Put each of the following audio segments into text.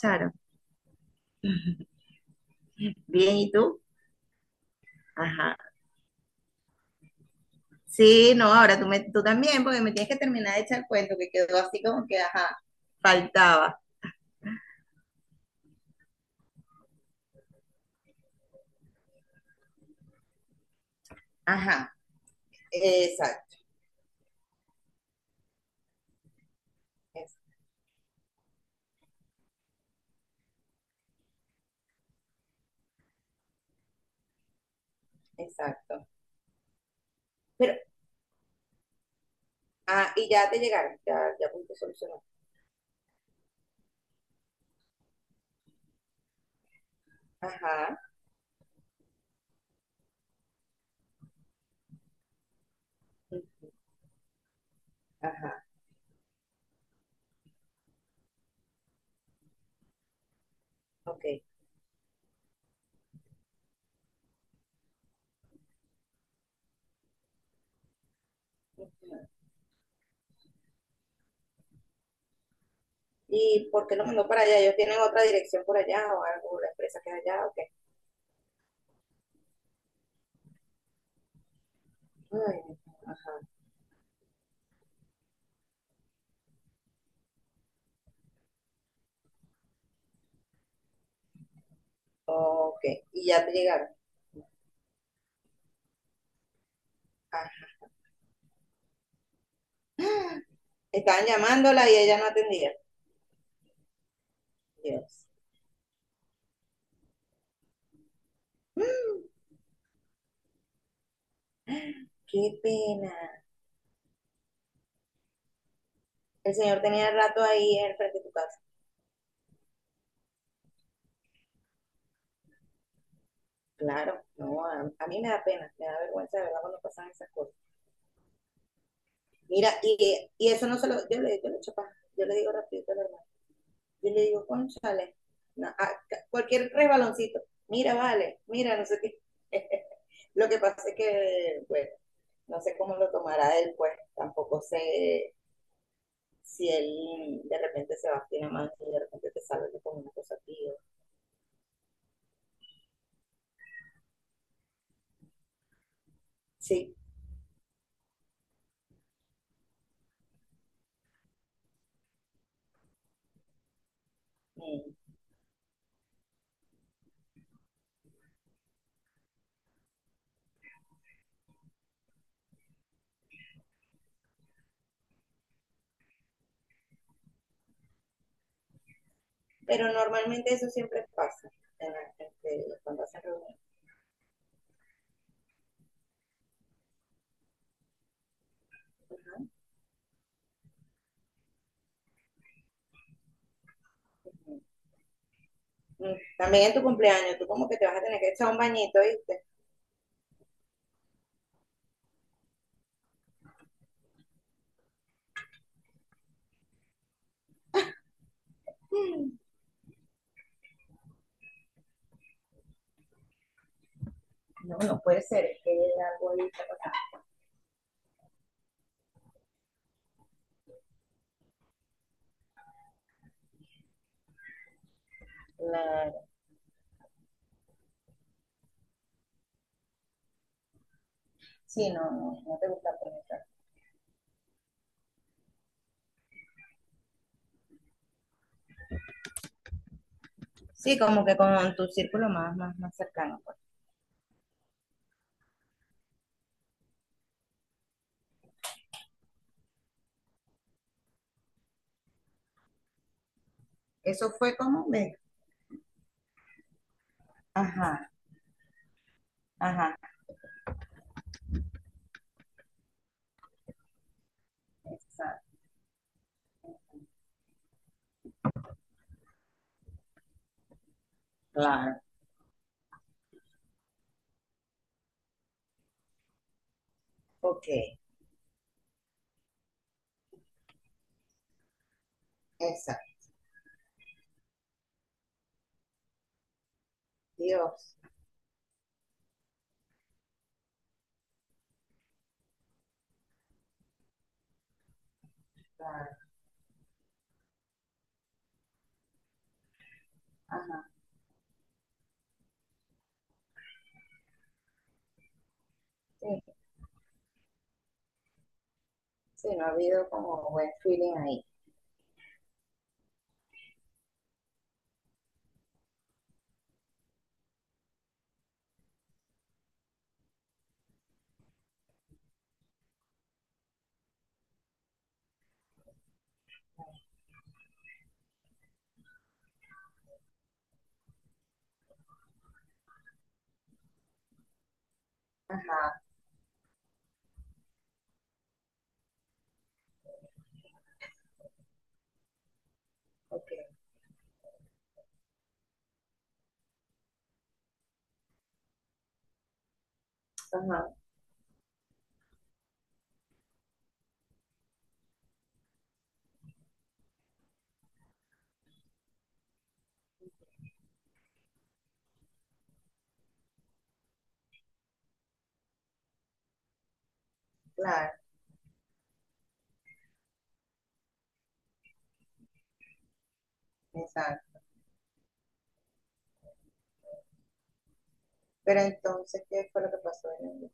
Charo. Bien, ¿y tú? Ajá. Sí, no, ahora tú, tú también, porque me tienes que terminar de echar el cuento, que quedó así como que, ajá, faltaba. Ajá, exacto, es- exacto. Pero, ah, ¿y ya te llegaron? Ya, ¿ya pudiste solucionar? Ajá, ajá, ok. ¿Y por qué lo mandó para allá? ¿Ellos tienen otra dirección por allá o algo, la empresa que es allá o qué? Ay, ok, ¿y ya te llegaron? Ajá. Estaban llamándola y ella no atendía. Dios, mm, qué pena. El señor tenía rato ahí en el frente de tu casa. Claro, no, a mí me da pena, me da vergüenza de verdad cuando pasan esas cosas. Mira, y eso no se lo, yo le echo paja, yo le digo rapidito a la hermana, yo le digo, conchale, no, cualquier resbaloncito, mira, vale, mira, no sé qué. Lo que pasa es que, bueno, no sé cómo lo tomará él, pues tampoco sé si él de repente se va a finar más y de repente te sale con una cosa, tío. Sí, mm, pero normalmente eso siempre pasa este, cuando hacen reuniones. Mm. También en tu cumpleaños, tú como que te vas a tener que echar un bañito, ¿viste? No, no puede ser, es que algo ahí está pasando. Claro. Sí, no te gusta conectar. Sí, como que con tu círculo más cercano, pues. Eso fue como me. Ajá, ajá, exacto. Claro. Ok, exacto. Dios, claro, ajá, sí, sí, no ha habido como buen feeling ahí. Ajá, ok, ajá, claro. Exacto. Pero entonces, ¿qué fue lo que pasó en el...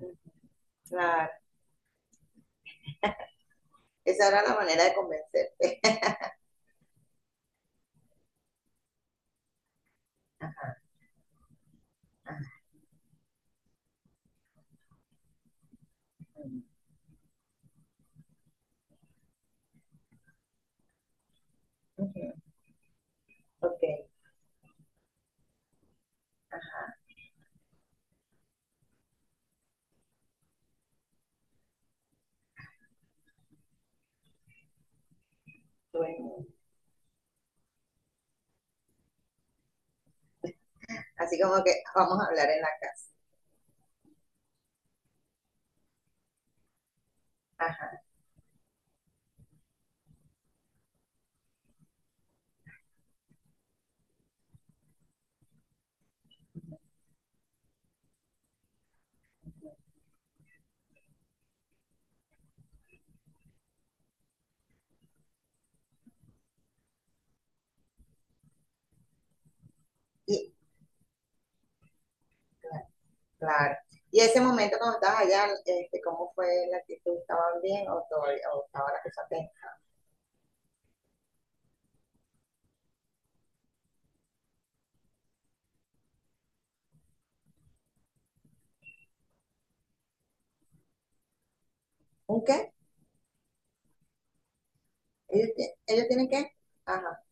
Mm-hmm. Claro. Esa era la manera de convencer. Ujú. Ok, bueno. Así como que vamos a hablar en la casa. Ajá. Y cla- claro. Y ese momento cuando estabas allá, este, ¿cómo fue la actitud? ¿Estaban bien o todavía, o estaba la cosa tensa? ¿Un qué? ¿Ellos, ellos tienen qué? Ajá.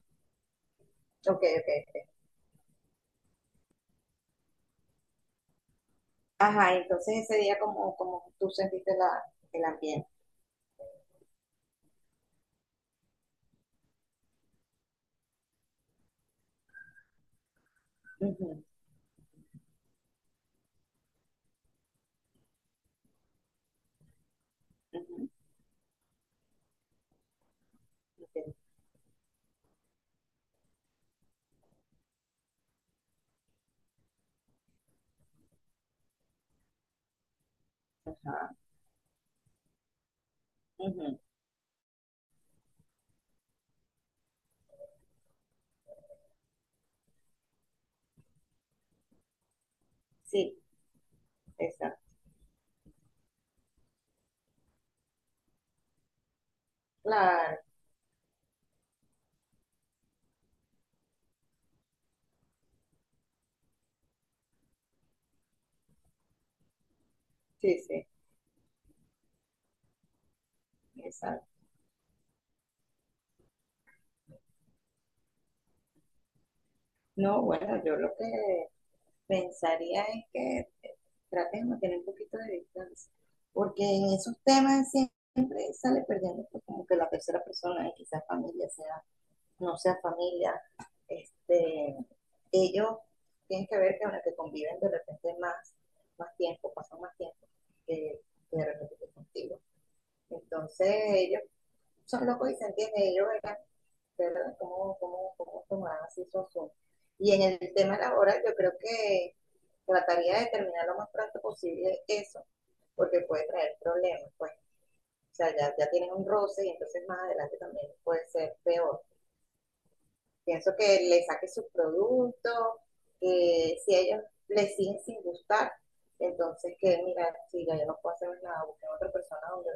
Ok. Ajá, entonces ese día ¿cómo cómo tú sentiste la, el ambiente? Ujú, ujú, ok. Ajá. Ujú. Sí, exacto, claro, sí, sí, exacto. No, bueno, yo lo que pensaría es que trates de mantener un poquito de distancia, porque en esos temas siempre sale perdiendo, pues, como que la tercera persona, y quizás familia, sea, no sea familia, este, ellos tienen que ver que, bueno, que conviven de repente más, más tiempo, pasan más tiempo que, que de repente que contigo. Entonces ellos son locos y se entienden, ellos ¿verdad? ¿Cómo tomarán así su asunto? Y en el tema laboral, yo creo que trataría de terminar lo más pronto posible eso, porque puede traer problemas, pues. O sea, ya tienen un roce y entonces más adelante también puede ser peor. Pienso que le saque sus productos, que si a ellos les siguen sin gustar, entonces que mira, si ya yo no puedo hacer nada, busquen otra persona donde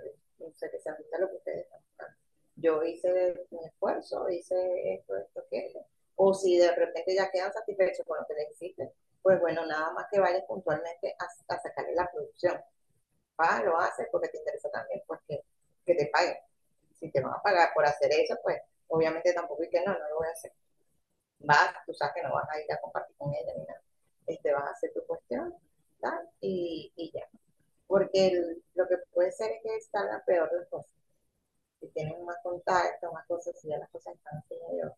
se les ajuste lo que ustedes están buscando. Yo hice mi esfuerzo, hice esto, esto, aquello. O si de repente ya quedan satisfechos con lo que les hiciste, pues bueno, nada más que vayan puntualmente a sacarle la producción. Ah, lo haces porque te interesa también, pues, que te paguen. Si te van a pagar por hacer eso, pues obviamente tampoco es que no, no lo voy a hacer. Vas, tú sabes que no vas a ir a compartir con ella ni nada. Este, vas a hacer tu cuestión ¿tal? Y ya. Porque lo que puede ser es que salgan peor las cosas. Si tienen más contacto, más cosas, si ya las cosas están así medio,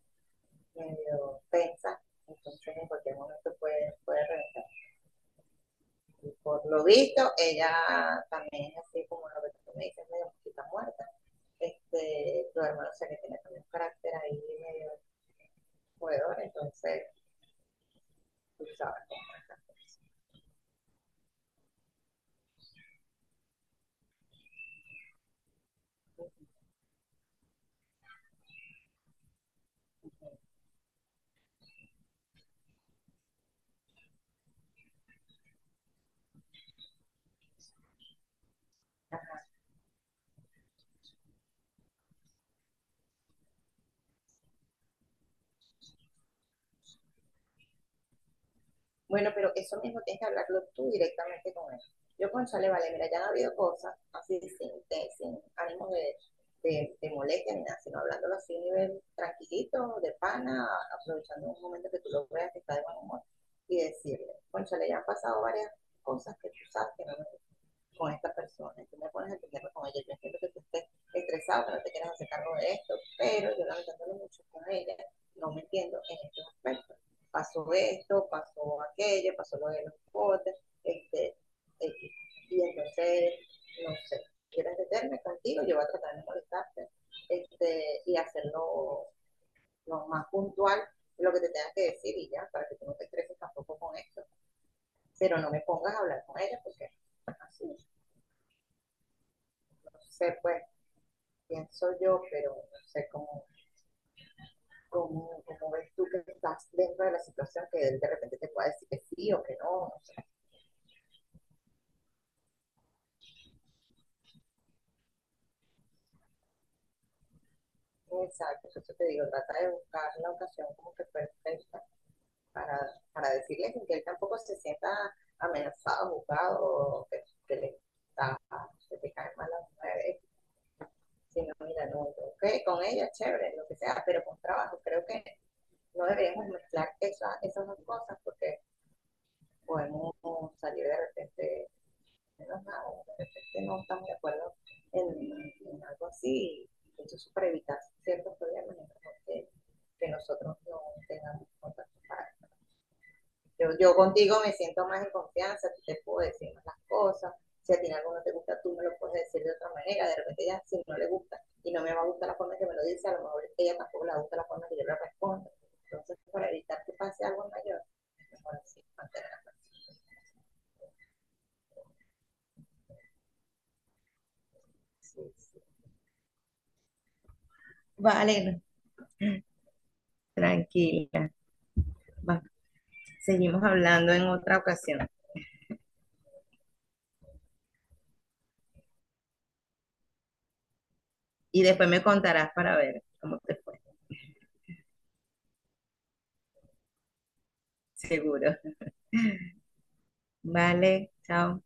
medio tensas, entonces en cualquier momento puede reventar. Y por lo visto, ella también es así como lo que tú me dices, medio mosquita muerta. Este, tu hermano se le tiene también un carácter ahí medio jugador, entonces tú sabes cómo es la cosa. Bueno, pero eso mismo tienes que hablarlo tú directamente con él. Yo, cónchale, vale, mira, ya han habido cosas así sin, sin ánimo de, de molestia ni nada, sino hablándolo así a nivel tranquilito, de pana, aprovechando un momento que tú lo veas que está de buen humor y decirle, cónchale, ya han pasado varias cosas que tú sabes que no me con esta persona y tú me pones a problema con ella. Yo entiendo que tú estés estresado, que no te quieras hacer cargo de esto, pero yo lamentándolo mucho con ella, no me entiendo en estos aspectos. Pasó esto, pasó aquello, pasó lo de los botes, este, este, y entonces, no sé, quieres meterme contigo, yo voy a tratar de molestarte, este, y hacerlo lo más puntual lo que te tengas que decir y ya, para que tú no te estreses tampoco con esto, pero no me pongas a hablar con ella porque así, no sé, pues, pienso yo, pero no sé cómo, cómo ves tú que estás dentro de la situación que él de repente te pueda decir que sí o que no, no sé. Exacto, eso te digo, trata de buscar la ocasión como que perfecta para, para decirle que él tampoco se sienta amenazado, juzgado, o que le está, que te caen mal las mujeres, sino mira, no, no, ok, con ella, chévere, lo que sea, pero con trabajo, creo que no deberíamos mezclar esa, esas dos cosas porque podemos salir de repente menos nada, de repente no estamos de acuerdo en, en algo así, entonces eso para evitar ciertos problemas, que, que nosotros no tengamos contacto. Yo contigo me siento más en confianza, tú te puedo decir más las cosas, si a ti algo no te gusta, tú me lo puedes decir de otra manera, de repente ella si no le gusta y no me va a gustar la forma que me lo dice, a lo mejor ella tampoco le gusta la forma que yo le respondo. Entonces, para evitar que pase algo mayor, mejor así, mantener la paz. Sí, sí. Vale, tranquila. Va, seguimos hablando en otra ocasión y después me contarás para ver cómo te fue, seguro. Vale, chao.